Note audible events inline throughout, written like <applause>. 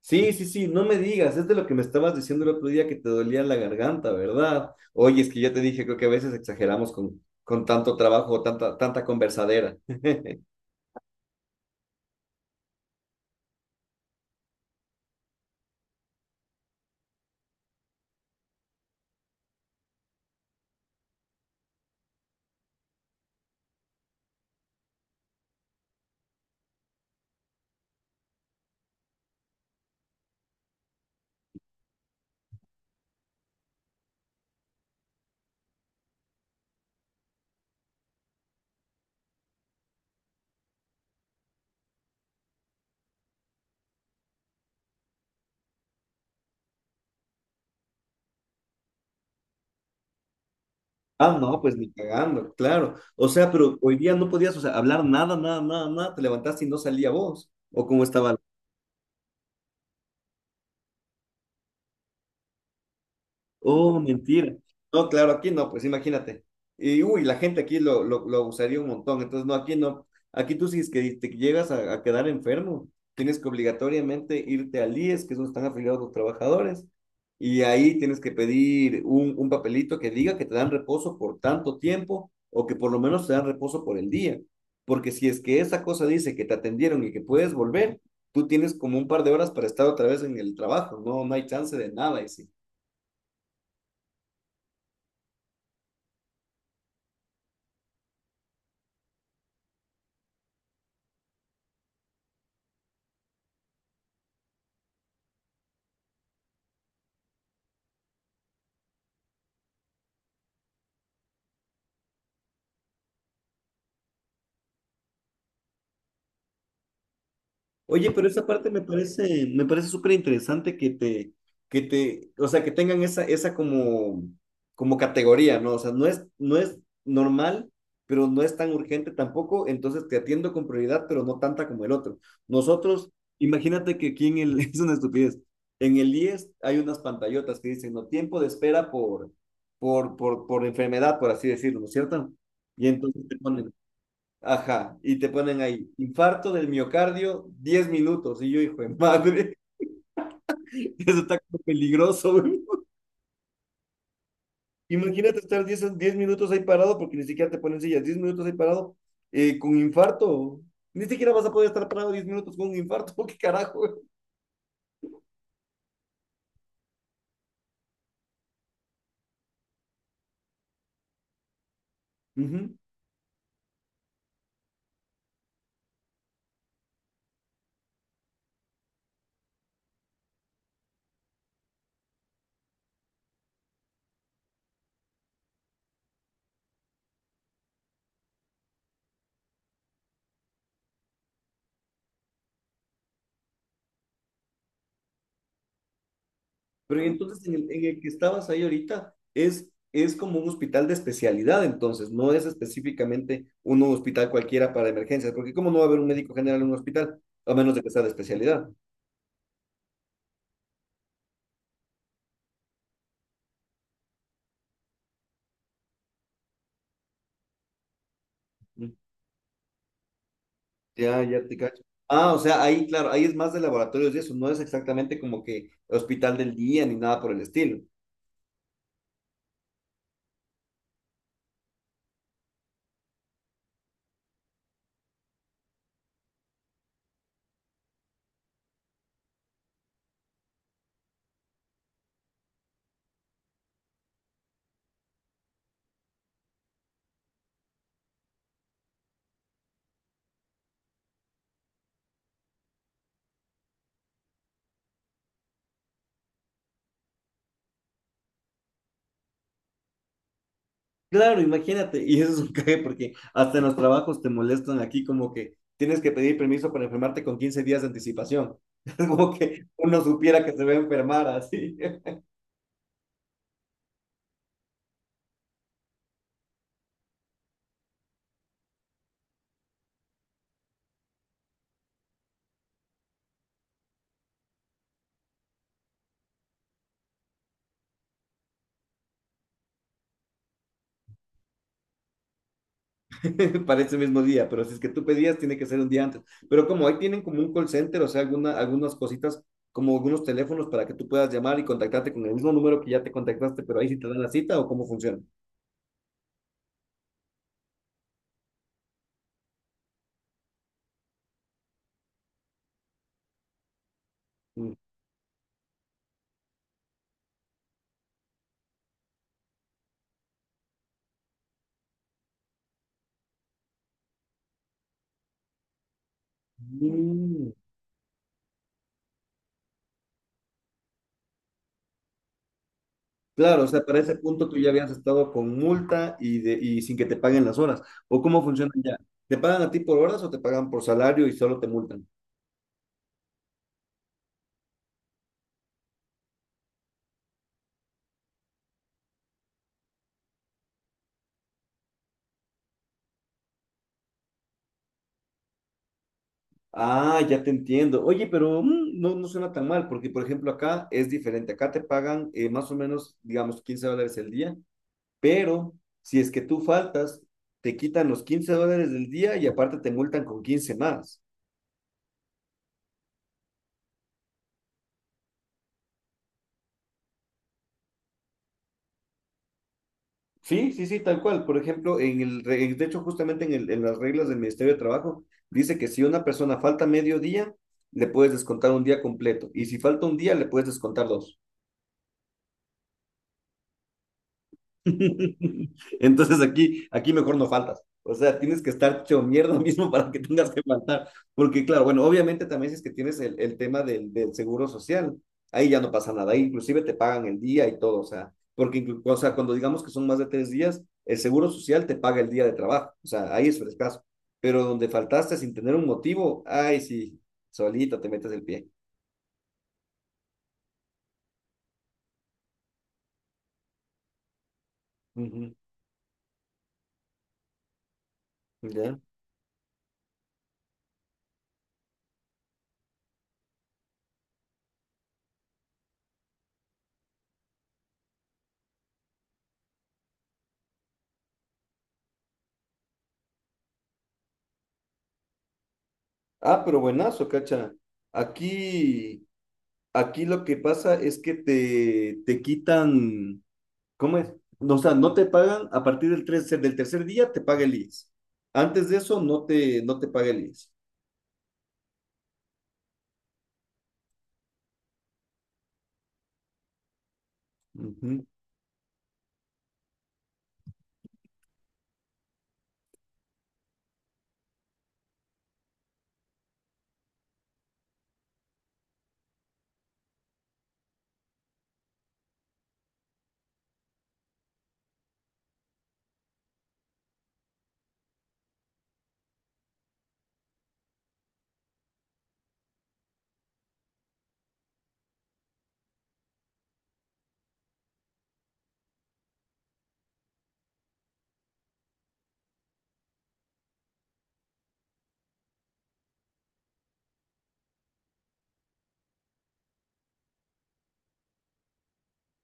Sí, sí, sí, no me digas, es de lo que me estabas diciendo el otro día que te dolía la garganta, ¿verdad? Oye, es que ya te dije, creo que a veces exageramos con tanto trabajo, o tanta conversadera. <laughs> Ah, no, pues ni cagando, claro. O sea, pero hoy día no podías, o sea, hablar nada, nada, nada, nada, te levantaste y no salía voz. ¿O cómo estaba? Oh, mentira. No, claro, aquí no, pues imagínate. Y uy, la gente aquí lo usaría un montón. Entonces, no, aquí no. Aquí tú si es que te llegas a quedar enfermo, tienes que obligatoriamente irte al IES, que es donde están afiliados los trabajadores, y ahí tienes que pedir un papelito que diga que te dan reposo por tanto tiempo o que por lo menos te dan reposo por el día. Porque si es que esa cosa dice que te atendieron y que puedes volver, tú tienes como un par de horas para estar otra vez en el trabajo, no, no hay chance de nada. Y sí. Oye, pero esa parte me parece súper interesante que o sea, que tengan esa, esa como, como categoría, ¿no? O sea, no es normal, pero no es tan urgente tampoco, entonces te atiendo con prioridad, pero no tanta como el otro. Nosotros, imagínate que aquí en el, <laughs> es una estupidez, en el IES hay unas pantallotas que dicen, no, tiempo de espera por, por enfermedad, por así decirlo, ¿no es cierto? Y entonces te ponen, ajá, y te ponen ahí, infarto del miocardio, 10 minutos. Y yo, hijo de madre, <laughs> eso está como peligroso, güey. Imagínate estar diez minutos ahí parado, porque ni siquiera te ponen sillas, 10 minutos ahí parado, con infarto. Ni siquiera vas a poder estar parado 10 minutos con un infarto, <laughs> ¿qué carajo, güey? Ujú. Pero entonces en el que estabas ahí ahorita es como un hospital de especialidad, entonces, no es específicamente un hospital cualquiera para emergencias, porque ¿cómo no va a haber un médico general en un hospital? A menos de que sea de especialidad. Ujú. Ya, ya te cacho. Ah, o sea, ahí, claro, ahí es más de laboratorios y eso, no es exactamente como que hospital del día ni nada por el estilo. Claro, imagínate, y eso es un cague porque hasta en los trabajos te molestan aquí como que tienes que pedir permiso para enfermarte con 15 días de anticipación. <laughs> Es como que uno supiera que se va a enfermar así. <laughs> Para ese mismo día, pero si es que tú pedías, tiene que ser un día antes. Pero como ahí tienen como un call center, o sea, alguna, algunas cositas, como algunos teléfonos para que tú puedas llamar y contactarte con el mismo número que ya te contactaste, pero ahí sí te dan la cita o cómo funciona. Mm. Claro, o sea, para ese punto tú ya habías estado con multa y, de, y sin que te paguen las horas. ¿O cómo funciona ya? ¿Te pagan a ti por horas o te pagan por salario y solo te multan? Ah, ya te entiendo. Oye, pero mm, no, no suena tan mal, porque por ejemplo acá es diferente. Acá te pagan más o menos, digamos, 15 dólares el día, pero si es que tú faltas, te quitan los 15 dólares del día y aparte te multan con 15 más. Sí, sí, sí, tal cual. Por ejemplo, de hecho, justamente en las reglas del Ministerio de Trabajo, dice que si una persona falta medio día, le puedes descontar un día completo. Y si falta un día, le puedes descontar dos. <laughs> Entonces aquí, aquí mejor no faltas. O sea, tienes que estar hecho mierda mismo para que tengas que faltar. Porque claro, bueno, obviamente también si es que tienes el tema del seguro social, ahí ya no pasa nada. Ahí inclusive te pagan el día y todo. O sea, porque o sea, cuando digamos que son más de tres días, el seguro social te paga el día de trabajo. O sea, ahí es frescaso. Pero donde faltaste sin tener un motivo, ay, sí, solito te metes el pie. Ujú, ya. Ah, pero buenazo, cacha. Aquí Aquí lo que pasa es que te quitan, ¿cómo es? No. O sea, no te pagan a partir del, del tercer día, te paga el IES. Antes de eso, no te paga el IES. Ujú.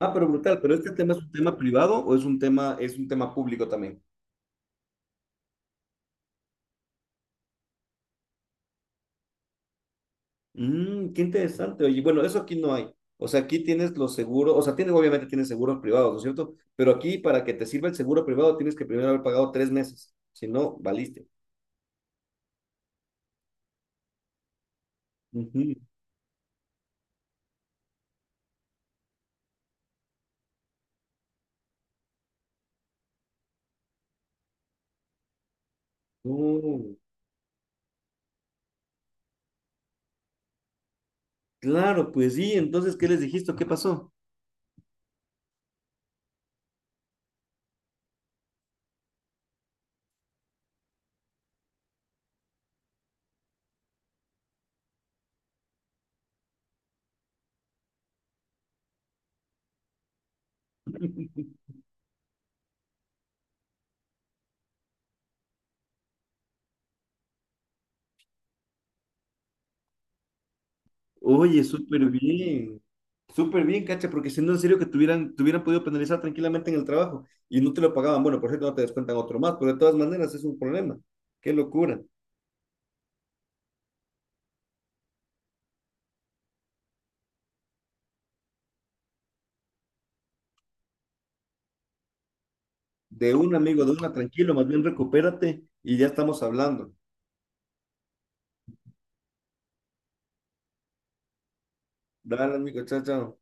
Ah, pero brutal, pero este tema es un tema privado o es un tema público también. Mm, qué interesante. Oye, bueno, eso aquí no hay. O sea, aquí tienes los seguros, o sea, tienes, obviamente tienes seguros privados, ¿no es cierto? Pero aquí, para que te sirva el seguro privado, tienes que primero haber pagado 3 meses. Si no, valiste. Ujú. Claro, pues sí, entonces, ¿qué les dijiste? ¿Qué pasó? Oye, súper bien, cacha, porque si no, en serio que tuvieran, te hubieran podido penalizar tranquilamente en el trabajo y no te lo pagaban. Bueno, por cierto, no te descuentan otro más, pero de todas maneras es un problema. Qué locura. De un amigo, de una, tranquilo, más bien recupérate y ya estamos hablando. Dale, amigo, chao, chao.